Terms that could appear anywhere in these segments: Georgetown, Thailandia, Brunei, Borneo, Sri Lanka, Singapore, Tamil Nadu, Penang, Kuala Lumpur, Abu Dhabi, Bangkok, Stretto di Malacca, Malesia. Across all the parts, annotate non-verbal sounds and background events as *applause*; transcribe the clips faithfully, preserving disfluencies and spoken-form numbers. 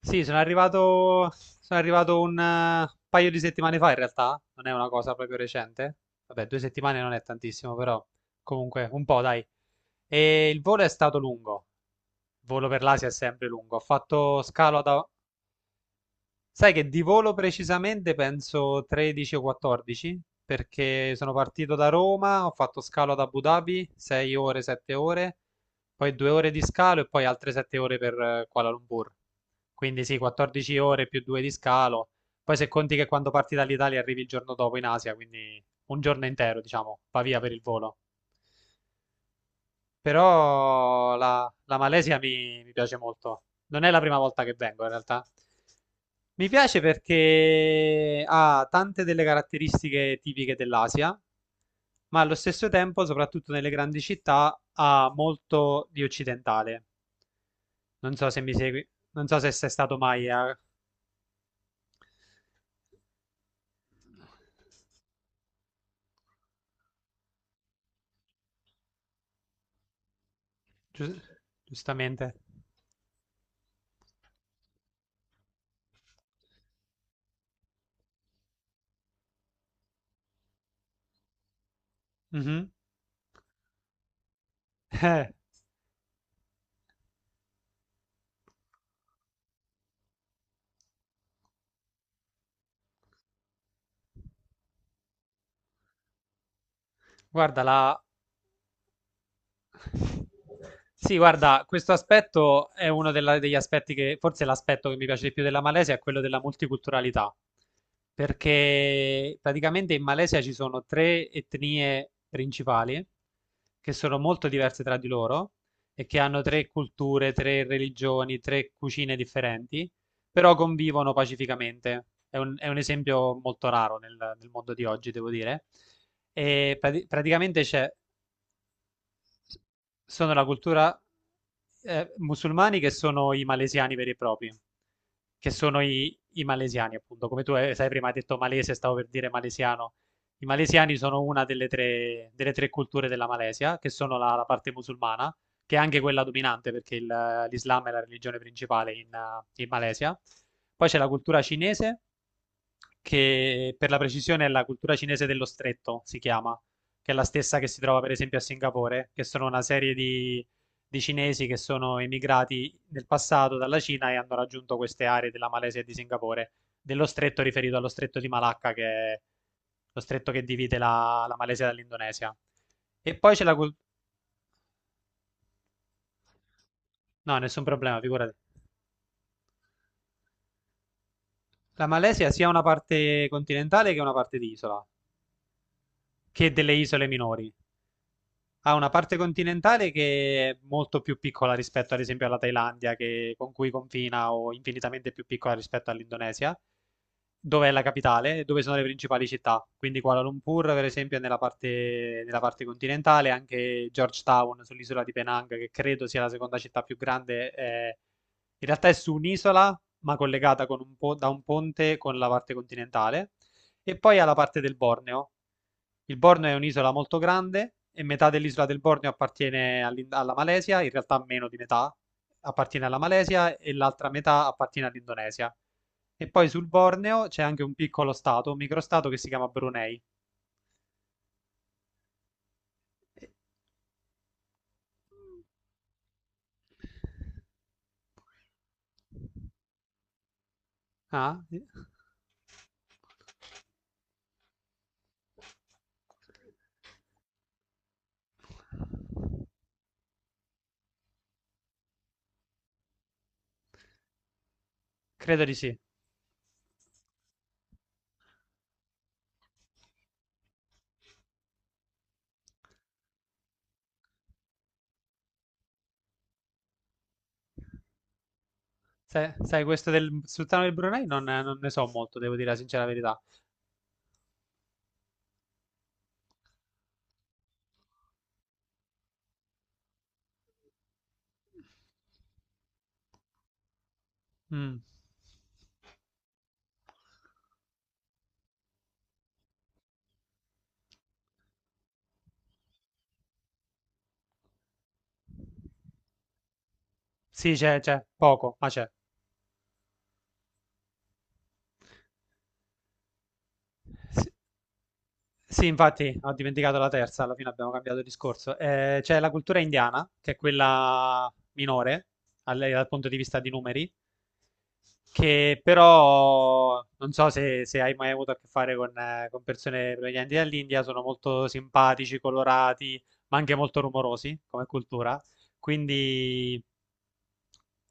Sì, sono arrivato, sono arrivato un eh, paio di settimane fa in realtà, non è una cosa proprio recente. Vabbè, due settimane non è tantissimo, però comunque un po', dai. E il volo è stato lungo. Il volo per l'Asia è sempre lungo. Ho fatto scalo ad... Sai che di volo precisamente penso tredici o quattordici, perché sono partito da Roma, ho fatto scalo ad Abu Dhabi, sei ore, sette ore, poi due ore di scalo e poi altre sette ore per eh, Kuala Lumpur. Quindi sì, quattordici ore più due di scalo. Poi se conti che quando parti dall'Italia arrivi il giorno dopo in Asia, quindi un giorno intero, diciamo, va via per il volo. Però la, la Malesia mi, mi piace molto. Non è la prima volta che vengo, in realtà. Mi piace perché ha tante delle caratteristiche tipiche dell'Asia, ma allo stesso tempo, soprattutto nelle grandi città, ha molto di occidentale. Non so se mi segui, non so se sei stato mai a Gius- giustamente. Mhm. Eh, guarda, la, Sì, guarda, questo aspetto è uno della- degli aspetti che, forse l'aspetto che mi piace di più della Malesia è quello della multiculturalità, perché praticamente in Malesia ci sono tre etnie principali che sono molto diverse tra di loro e che hanno tre culture, tre religioni, tre cucine differenti, però convivono pacificamente. È un, è un esempio molto raro nel, nel mondo di oggi, devo dire. E prati- praticamente c'è sono la cultura, ehm, musulmani che sono i malesiani veri e propri, che sono i i malesiani appunto, come tu hai sai prima hai detto malese, stavo per dire malesiano. I malesiani sono una delle tre, delle tre culture della Malesia, che sono la, la parte musulmana, che è anche quella dominante perché il- l'Islam è la religione principale in, eh, in Malesia. Poi c'è la cultura cinese, che per la precisione è la cultura cinese dello stretto, si chiama, che è la stessa che si trova per esempio a Singapore, che sono una serie di, di cinesi che sono emigrati nel passato dalla Cina e hanno raggiunto queste aree della Malesia e di Singapore, dello stretto riferito allo stretto di Malacca, che è lo stretto che divide la, la Malesia dall'Indonesia. E poi c'è la cultura... No, nessun problema, figurati. La Malesia sia una parte continentale che una parte di isola, che delle isole minori. Ha una parte continentale che è molto più piccola rispetto ad esempio alla Thailandia, che- con cui confina, o infinitamente più piccola rispetto all'Indonesia, dove è la capitale e dove sono le principali città. Quindi Kuala Lumpur, per esempio, è nella parte, nella parte continentale, anche Georgetown sull'isola di Penang, che credo sia la seconda città più grande, è- in realtà è su un'isola, ma collegata con un po- da un ponte con la parte continentale. E poi ha la parte del Borneo. Il Borneo è un'isola molto grande e metà dell'isola del Borneo appartiene all'In- alla Malesia, in realtà meno di metà appartiene alla Malesia e l'altra metà appartiene all'Indonesia. E poi sul Borneo c'è anche un piccolo stato, un microstato che si chiama Brunei. Ah, credo di sì. Se- Sai, questo del sultano del Brunei non, non ne so molto, devo dire la sincera verità. Mm. Sì, c'è, c'è, poco, ma c'è. Sì. Sì, infatti, ho dimenticato la terza, alla fine abbiamo cambiato discorso. Eh, c'è la cultura indiana, che è quella minore alle- dal punto di vista di numeri, che però non so se, se hai mai avuto a che fare con, eh, con persone provenienti dall'India, sono molto simpatici, colorati, ma anche molto rumorosi come cultura. Quindi,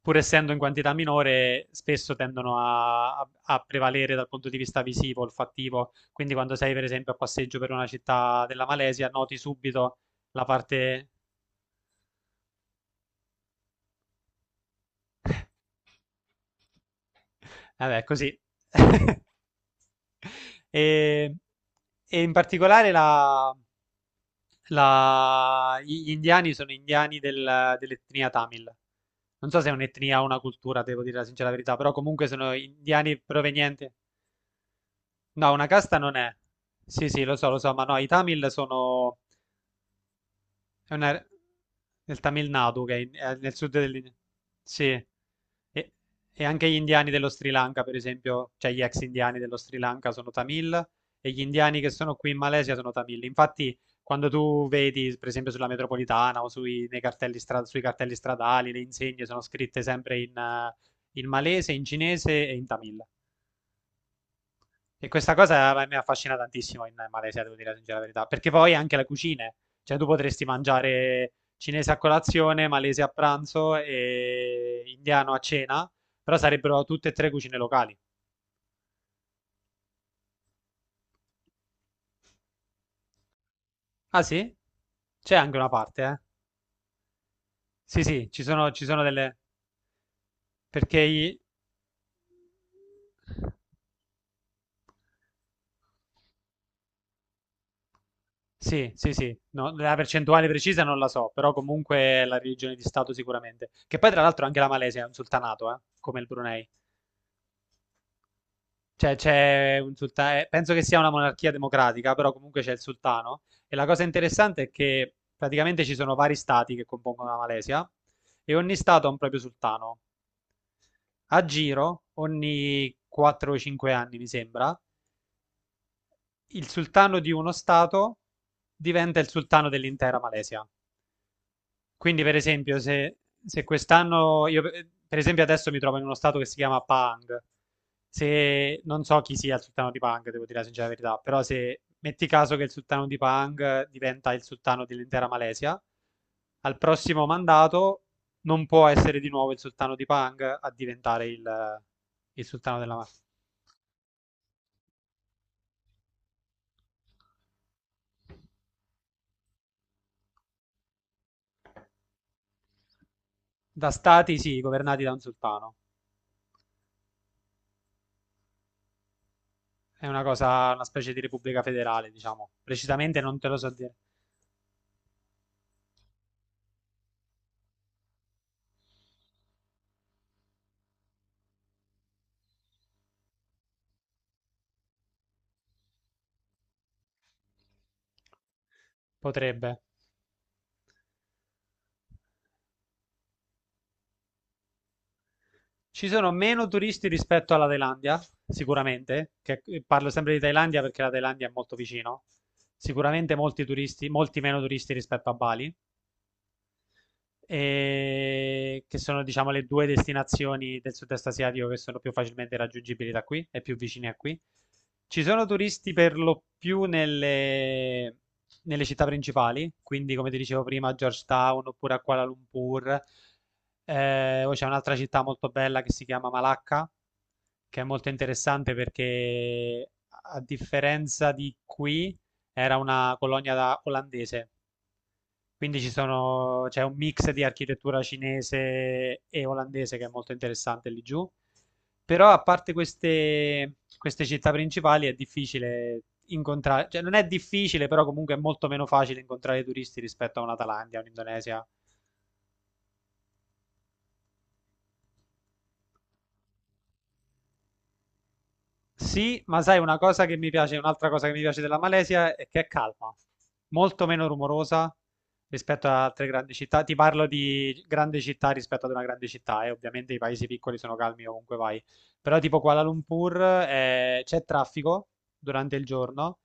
pur essendo in quantità minore, spesso tendono a, a- a prevalere dal punto di vista visivo, olfattivo. Quindi, quando sei, per esempio, a passeggio per una città della Malesia, noti subito la parte. Vabbè, così. *laughs* E, e in particolare la La- Gli indiani sono indiani del- dell'etnia Tamil. Non so se è un'etnia o una cultura, devo dire la sincera verità, però comunque sono indiani provenienti. No, una casta non è. Sì, sì, lo so, lo so, ma no, i Tamil sono è una nel Tamil Nadu, che è, in- è nel sud dell'India. Sì, e, e anche gli indiani dello Sri Lanka, per esempio, cioè gli ex indiani dello Sri Lanka sono Tamil e gli indiani che sono qui in Malesia sono Tamil. Infatti, quando tu vedi, per esempio, sulla metropolitana o sui, nei cartelli stra- sui cartelli stradali, le insegne sono scritte sempre in, eh, in malese, in cinese e in Tamil. E questa cosa mi affascina tantissimo in Malesia, devo dire la sincera verità, perché poi anche la cucina, cioè tu potresti mangiare cinese a colazione, malese a pranzo e indiano a cena, però sarebbero tutte e tre cucine locali. Ah sì? C'è anche una parte, eh? Sì, sì, ci sono, ci sono delle... perché i... Sì, sì, sì, no, la percentuale precisa non la so, però comunque è la religione di Stato sicuramente. Che poi tra l'altro anche la Malesia è un sultanato, eh, come il Brunei. Cioè, c'è un sultano, penso che sia una monarchia democratica, però comunque c'è il sultano. E la cosa interessante è che praticamente ci sono vari stati che compongono la Malesia e ogni stato ha un proprio sultano. A giro, ogni quattro o cinque anni, mi sembra, il sultano di uno stato diventa il sultano dell'intera Malesia. Quindi, per esempio, se, se quest'anno io, pe- per esempio, adesso mi trovo in uno stato che si chiama Pang. Se non so chi sia il sultano di Pang, devo dire la sincera verità, però se metti caso che il sultano di Pang diventa il sultano dell'intera Malesia, al prossimo mandato non può essere di nuovo il sultano di Pang a diventare il, il sultano della Malesia. Da stati, sì, governati da un sultano. È una cosa, una specie di repubblica federale, diciamo. Precisamente non te lo so dire. Potrebbe. Ci sono meno turisti rispetto alla Thailandia, sicuramente, che eh, parlo sempre di Thailandia perché la Thailandia è molto vicino. Sicuramente molti turisti, molti meno turisti rispetto a Bali, e che sono, diciamo, le due destinazioni del sud-est asiatico che sono più facilmente raggiungibili da qui e più vicine a qui. Ci sono turisti per lo più nelle, nelle città principali, quindi come ti dicevo prima, a Georgetown oppure a Kuala Lumpur. Eh, poi c'è un'altra città molto bella che si chiama Malacca, che è molto interessante perché a differenza di qui era una colonia da- olandese, quindi ci sono, c'è un mix di architettura cinese e olandese che è molto interessante lì giù. Però a parte queste, queste città principali è difficile incontrare, cioè non è difficile, però comunque è molto meno facile incontrare turisti rispetto a una Thailandia, un'Indonesia. Sì, ma sai una cosa che mi piace, un'altra cosa che mi piace della Malesia è che è calma, molto meno rumorosa rispetto ad altre grandi città. Ti parlo di grande città rispetto ad una grande città e ovviamente i paesi piccoli sono calmi ovunque vai. Però tipo Kuala Lumpur eh, c'è traffico durante il giorno,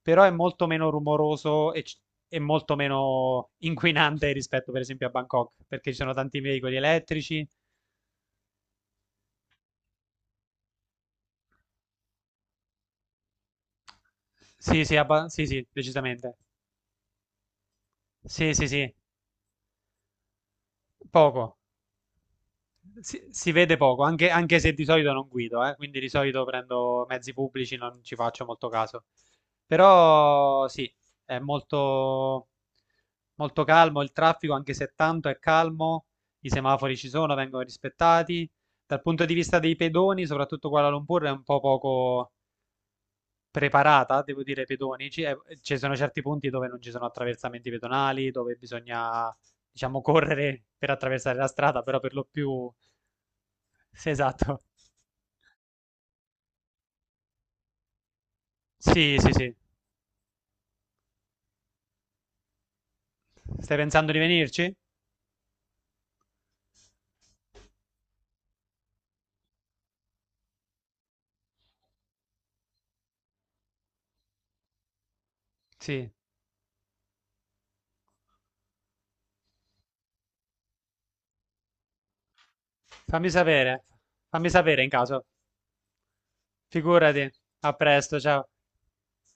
però è molto meno rumoroso e, c- e molto meno inquinante rispetto per esempio a Bangkok, perché ci sono tanti veicoli elettrici. Sì, sì, abba- sì, sì, decisamente. Sì, sì, sì. Poco, si, si vede poco, anche, anche se di solito non guido, eh, quindi di solito prendo mezzi pubblici, non ci faccio molto caso. Però sì, è molto, molto calmo il traffico, anche se tanto è calmo, i semafori ci sono, vengono rispettati. Dal punto di vista dei pedoni, soprattutto Kuala Lumpur è un po' poco preparata, devo dire, ai pedoni. Ci eh, ci sono certi punti dove non ci sono attraversamenti pedonali, dove bisogna, diciamo, correre per attraversare la strada, però per lo più. Sì, esatto. Sì, sì, sì. Stai pensando di venirci? Sì. Fammi sapere. Fammi sapere in caso. Figurati. A presto, ciao.